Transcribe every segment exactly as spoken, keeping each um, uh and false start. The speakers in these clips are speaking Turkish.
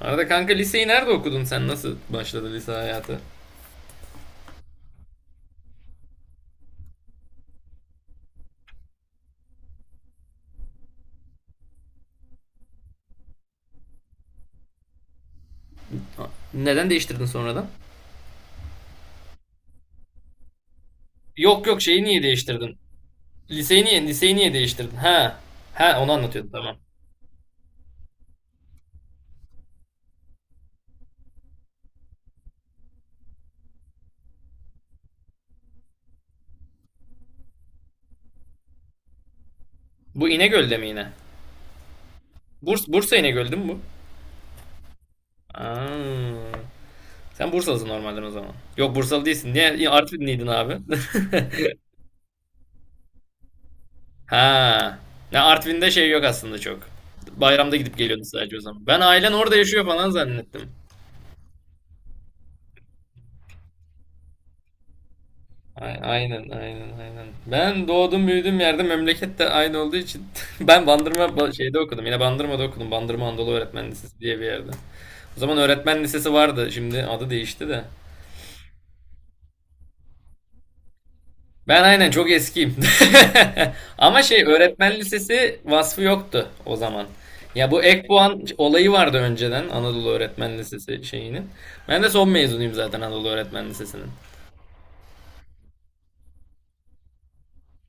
Arada kanka liseyi nerede okudun sen? Nasıl başladı lise hayatı? Neden değiştirdin sonradan? Yok yok şeyi niye değiştirdin? Liseyi niye liseyi niye değiştirdin? Ha. Ha onu anlatıyordun tamam. Bu İnegöl'de mi yine? Burs Bursa İnegöl'dü mü bu? Aa. Sen Bursalısın normalden o zaman. Yok Bursalı değilsin. Niye Artvinliydin abi? ha. Ya Artvin'de şey yok aslında çok. Bayramda gidip geliyordun sadece o zaman. Ben ailen orada yaşıyor falan zannettim. Ay- Aynen aynen aynen. Ben doğdum büyüdüğüm yerde memleket de aynı olduğu için ben Bandırma ba- şeyde okudum. Yine Bandırma'da okudum. Bandırma Anadolu Öğretmen Lisesi diye bir yerde. O zaman öğretmen lisesi vardı. Şimdi adı değişti de. Ben aynen çok eskiyim. Ama şey öğretmen lisesi vasfı yoktu o zaman. Ya bu ek puan olayı vardı önceden Anadolu Öğretmen Lisesi şeyinin. Ben de son mezunuyum zaten Anadolu Öğretmen Lisesi'nin.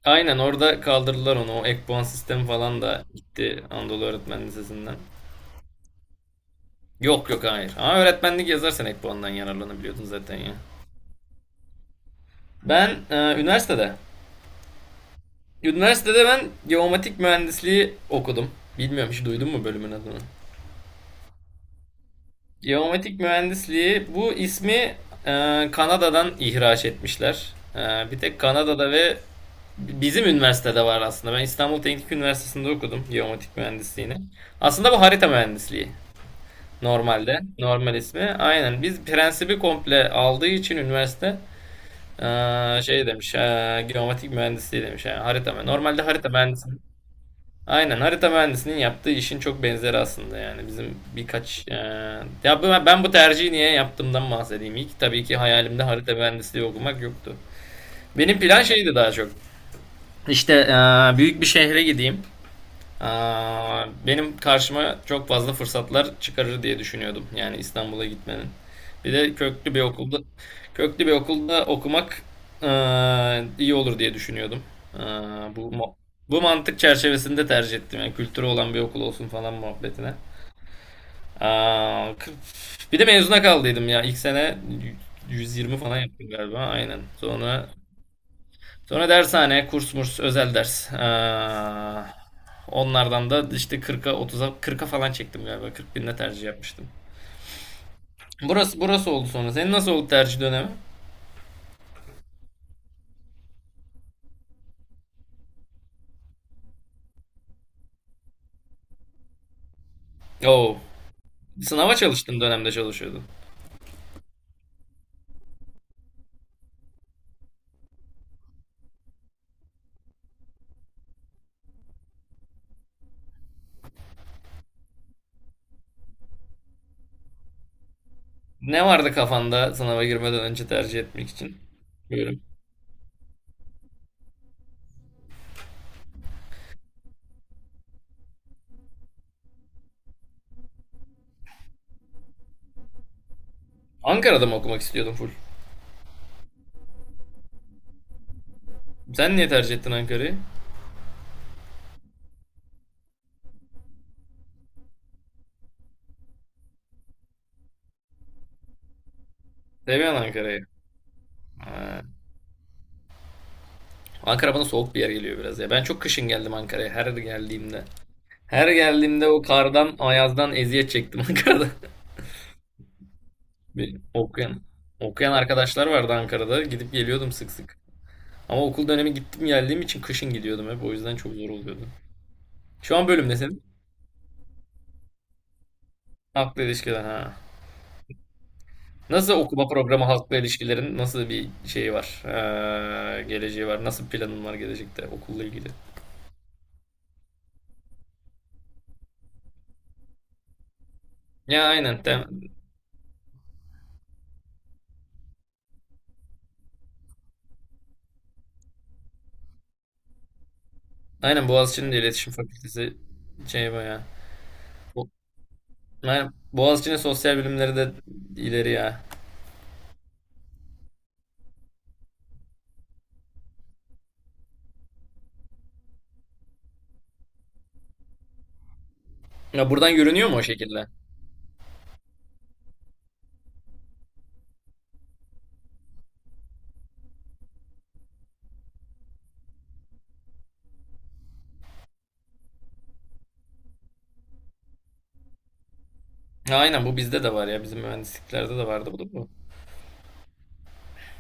Aynen orada kaldırdılar onu. O ek puan sistemi falan da gitti Anadolu Öğretmen Lisesi'nden. Yok yok hayır. Ama öğretmenlik yazarsan ek puandan yararlanabiliyordun zaten ya. Ben e, üniversitede. Üniversitede ben geomatik mühendisliği okudum. Bilmiyorum hiç duydun mu bölümün adını? Geomatik mühendisliği bu ismi e, Kanada'dan ihraç etmişler. E, bir tek Kanada'da ve bizim üniversitede var aslında. Ben İstanbul Teknik Üniversitesi'nde okudum geomatik mühendisliğini. Aslında bu harita mühendisliği normalde. Normal ismi. Aynen. Biz prensibi komple aldığı için üniversite Aa, şey demiş, aa, geomatik mühendisliği demiş. Yani harita mü- normalde harita mühendisinin, aynen harita mühendisinin yaptığı işin çok benzeri aslında yani. Bizim birkaç, aa, ya bu- ben bu tercihi niye yaptığımdan bahsedeyim. İlk tabii ki hayalimde harita mühendisliği okumak yoktu. Benim plan şeydi daha çok. İşte aa, büyük bir şehre gideyim benim karşıma çok fazla fırsatlar çıkarır diye düşünüyordum. Yani İstanbul'a gitmenin. Bir de köklü bir okulda köklü bir okulda okumak aa, iyi olur diye düşünüyordum. Aa, bu mo- bu mantık çerçevesinde tercih ettim. Yani kültürü olan bir okul olsun falan muhabbetine. Aa, k- bir de mezuna kaldıydım ya. İlk sene yüz yirmi falan yaptım galiba. Aynen. Sonra Sonra dershane, kurs murs, özel ders. Aa, onlardan da işte kırka otuza kırka falan çektim galiba. kırk binde tercih yapmıştım. Burası burası oldu sonra. Senin nasıl oldu tercih dönemi? Oo. Sınava çalıştın dönemde çalışıyordun. Ne vardı kafanda sınava girmeden önce tercih etmek için? Buyurun. Ankara'da mı okumak istiyordun full? Sen niye tercih ettin Ankara'yı? Seviyorsun Ankara'yı. Ha. Ankara bana soğuk bir yer geliyor biraz ya. Ben çok kışın geldim Ankara'ya her geldiğimde. Her geldiğimde o kardan, ayazdan eziyet çektim Ankara'da. Bir okuyan, okuyan arkadaşlar vardı Ankara'da. Gidip geliyordum sık sık. Ama okul dönemi gittim geldiğim için kışın gidiyordum hep. O yüzden çok zor oluyordu. Şu an bölüm ne senin? Halkla ilişkiler ha. Nasıl okuma programı halkla ilişkilerin nasıl bir şeyi var? Ee, geleceği var. Nasıl planın var gelecekte okulla ilgili? Ya aynen. Tem aynen Boğaziçi'nin de iletişim fakültesi şey baya. Bu- Aynen. Boğaziçi'nin sosyal bilimleri de ileri ya. Ya buradan görünüyor mu o şekilde? Ya aynen bu bizde de var ya. Bizim mühendisliklerde de vardı bu da.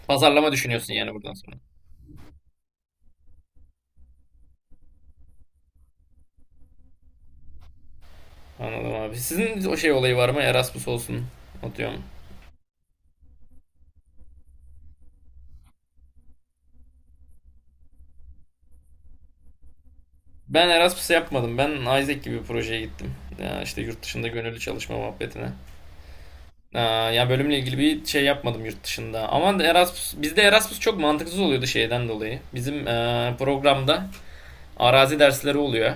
Pazarlama düşünüyorsun yani buradan sonra. Anladım abi. Sizin o şey olayı var mı? Erasmus olsun. Atıyorum. Ben Erasmus yapmadım. Ben Isaac gibi bir projeye gittim. Ya işte yurt dışında gönüllü çalışma muhabbetine. Aa, ya bölümle ilgili bir şey yapmadım yurt dışında. Ama Erasmus, bizde Erasmus çok mantıksız oluyordu şeyden dolayı. Bizim eee, programda arazi dersleri oluyor.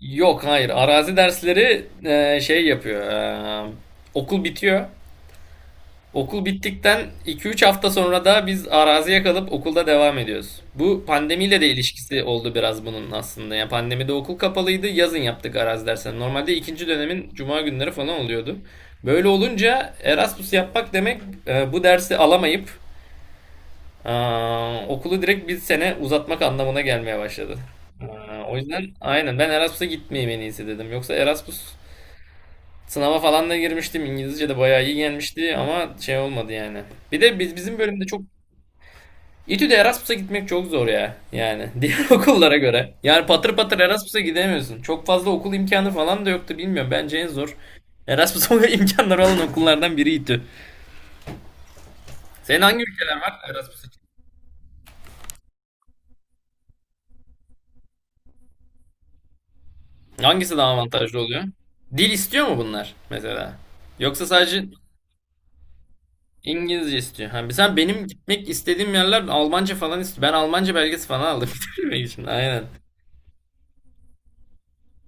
Yok hayır arazi dersleri eee, şey yapıyor. Eee, Okul bitiyor. Okul bittikten iki üç hafta sonra da biz araziye kalıp okulda devam ediyoruz. Bu pandemiyle de ilişkisi oldu biraz bunun aslında. Yani pandemide okul kapalıydı, yazın yaptık arazi derslerini. Normalde ikinci dönemin cuma günleri falan oluyordu. Böyle olunca Erasmus yapmak demek e, bu dersi alamayıp e, okulu direkt bir sene uzatmak anlamına gelmeye başladı. E, o yüzden aynen ben Erasmus'a gitmeyeyim en iyisi dedim. Yoksa Erasmus sınava falan da girmiştim. İngilizce de bayağı iyi gelmişti ama şey olmadı yani. Bir de biz, bizim bölümde çok İTÜ'de Erasmus'a gitmek çok zor ya. Yani diğer okullara göre. Yani patır patır Erasmus'a gidemiyorsun. Çok fazla okul imkanı falan da yoktu bilmiyorum. Bence en zor Erasmus'a imkanları olan okullardan biri İTÜ. Senin hangi ülkeler var Erasmus için? Hangisi daha avantajlı oluyor? Dil istiyor mu bunlar mesela? Yoksa sadece İngilizce istiyor. Ha, sen benim gitmek istediğim yerler Almanca falan istiyor. Ben Almanca belgesi falan aldım bitirmek için. Aynen.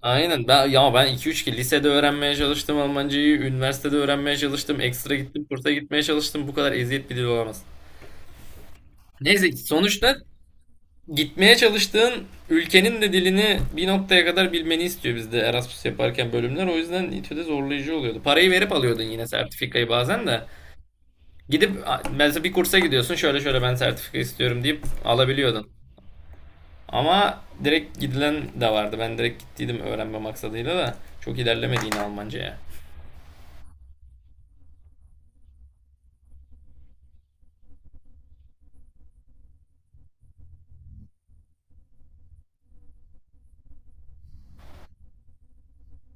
Aynen. Ben, ya ben iki üç ki lisede öğrenmeye çalıştım Almancayı, üniversitede öğrenmeye çalıştım, ekstra gittim, kursa gitmeye çalıştım. Bu kadar eziyet bir dil olamaz. Neyse sonuçta gitmeye çalıştığın ülkenin de dilini bir noktaya kadar bilmeni istiyor bizde Erasmus yaparken bölümler. O yüzden İTÜ'de zorlayıcı oluyordu. Parayı verip alıyordun yine sertifikayı bazen de. Gidip mesela bir kursa gidiyorsun şöyle şöyle ben sertifika istiyorum deyip alabiliyordun. Ama direkt gidilen de vardı. Ben direkt gittiydim öğrenme maksadıyla da çok ilerlemedi Almanca'ya.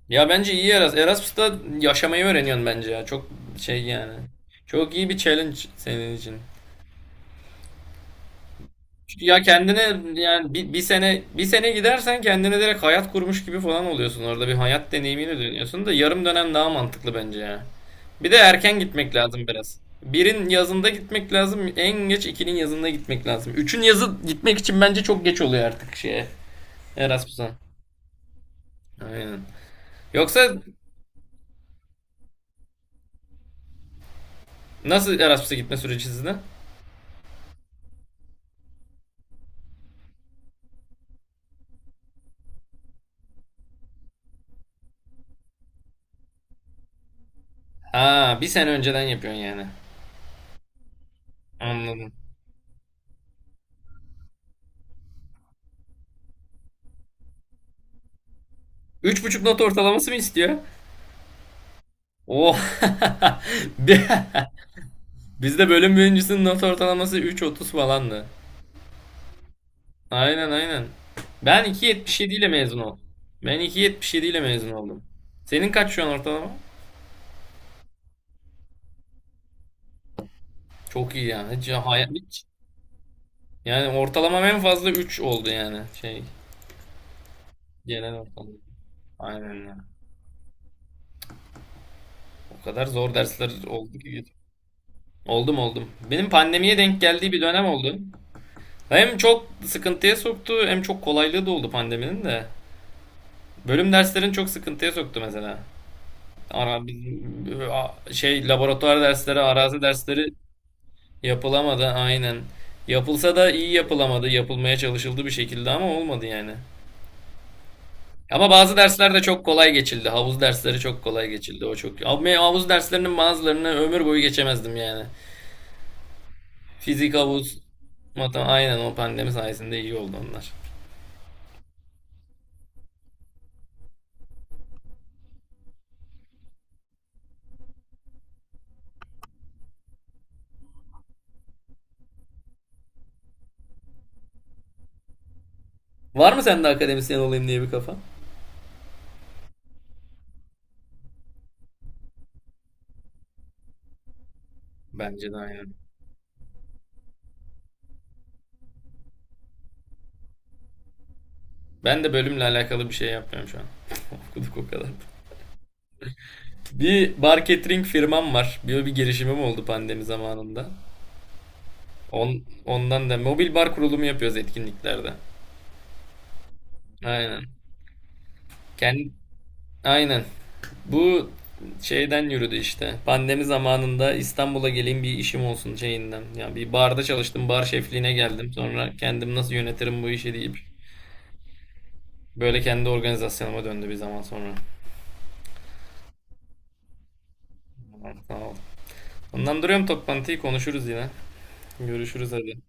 Ya bence iyi Erasmus. Erasmus'ta yaşamayı öğreniyorsun bence ya. Çok şey yani. Çok iyi bir challenge senin için. Çünkü ya kendine yani bir, bir sene bir sene gidersen kendine direkt hayat kurmuş gibi falan oluyorsun. Orada bir hayat deneyimini dönüyorsun da yarım dönem daha mantıklı bence ya. Bir de erken gitmek lazım biraz. Birin yazında gitmek lazım. En geç ikinin yazında gitmek lazım. Üçün yazı gitmek için bence çok geç oluyor artık şeye. Erasmus'a. Aynen. Yoksa nasıl Erasmus'a gitme süreci sizde? Aa, bir sene önceden yapıyorsun yani. Anladım. Üç buçuk not ortalaması mı istiyor? Oh. Bi- Bizde bölüm birincisinin not ortalaması üç otuz falandı. Aynen aynen. Ben iki virgül yetmiş yedi ile mezun oldum. Ben iki virgül yetmiş yedi ile mezun oldum. Senin kaç şu an ortalama? Çok iyi yani. Hiç, hayat, hiç. Yani ortalamam en fazla üç oldu yani. Şey, genel ortalama. Aynen ya. O kadar zor dersler oldu ki. Oldum oldum. Benim pandemiye denk geldiği bir dönem oldu. Hem çok sıkıntıya soktu hem çok kolaylığı da oldu pandeminin de. Bölüm derslerini çok sıkıntıya soktu mesela. Ara, şey laboratuvar dersleri, arazi dersleri yapılamadı aynen. Yapılsa da iyi yapılamadı. Yapılmaya çalışıldı bir şekilde ama olmadı yani. Ama bazı dersler de çok kolay geçildi. Havuz dersleri çok kolay geçildi. O çok. Abi havuz derslerinin bazılarını ömür boyu geçemezdim yani. Fizik, havuz, matematik aynen o pandemi sayesinde iyi oldu onlar. Var mı sende akademisyen olayım diye bir kafa? Bence de aynen. Ben de bölümle alakalı bir şey yapmıyorum şu an. Okuduk o kadar. Bir bar catering firmam var. Bir, bir girişimim oldu pandemi zamanında. On, ondan da mobil bar kurulumu yapıyoruz etkinliklerde. Aynen. Kendi, aynen. Bu şeyden yürüdü işte. Pandemi zamanında İstanbul'a geleyim bir işim olsun şeyinden. Ya bir barda çalıştım, bar şefliğine geldim. Sonra kendim nasıl yönetirim bu işi deyip böyle kendi organizasyonuma döndü bir zaman sonra. Tamam, sağ ol. Ondan duruyorum toplantıyı konuşuruz yine. Görüşürüz hadi.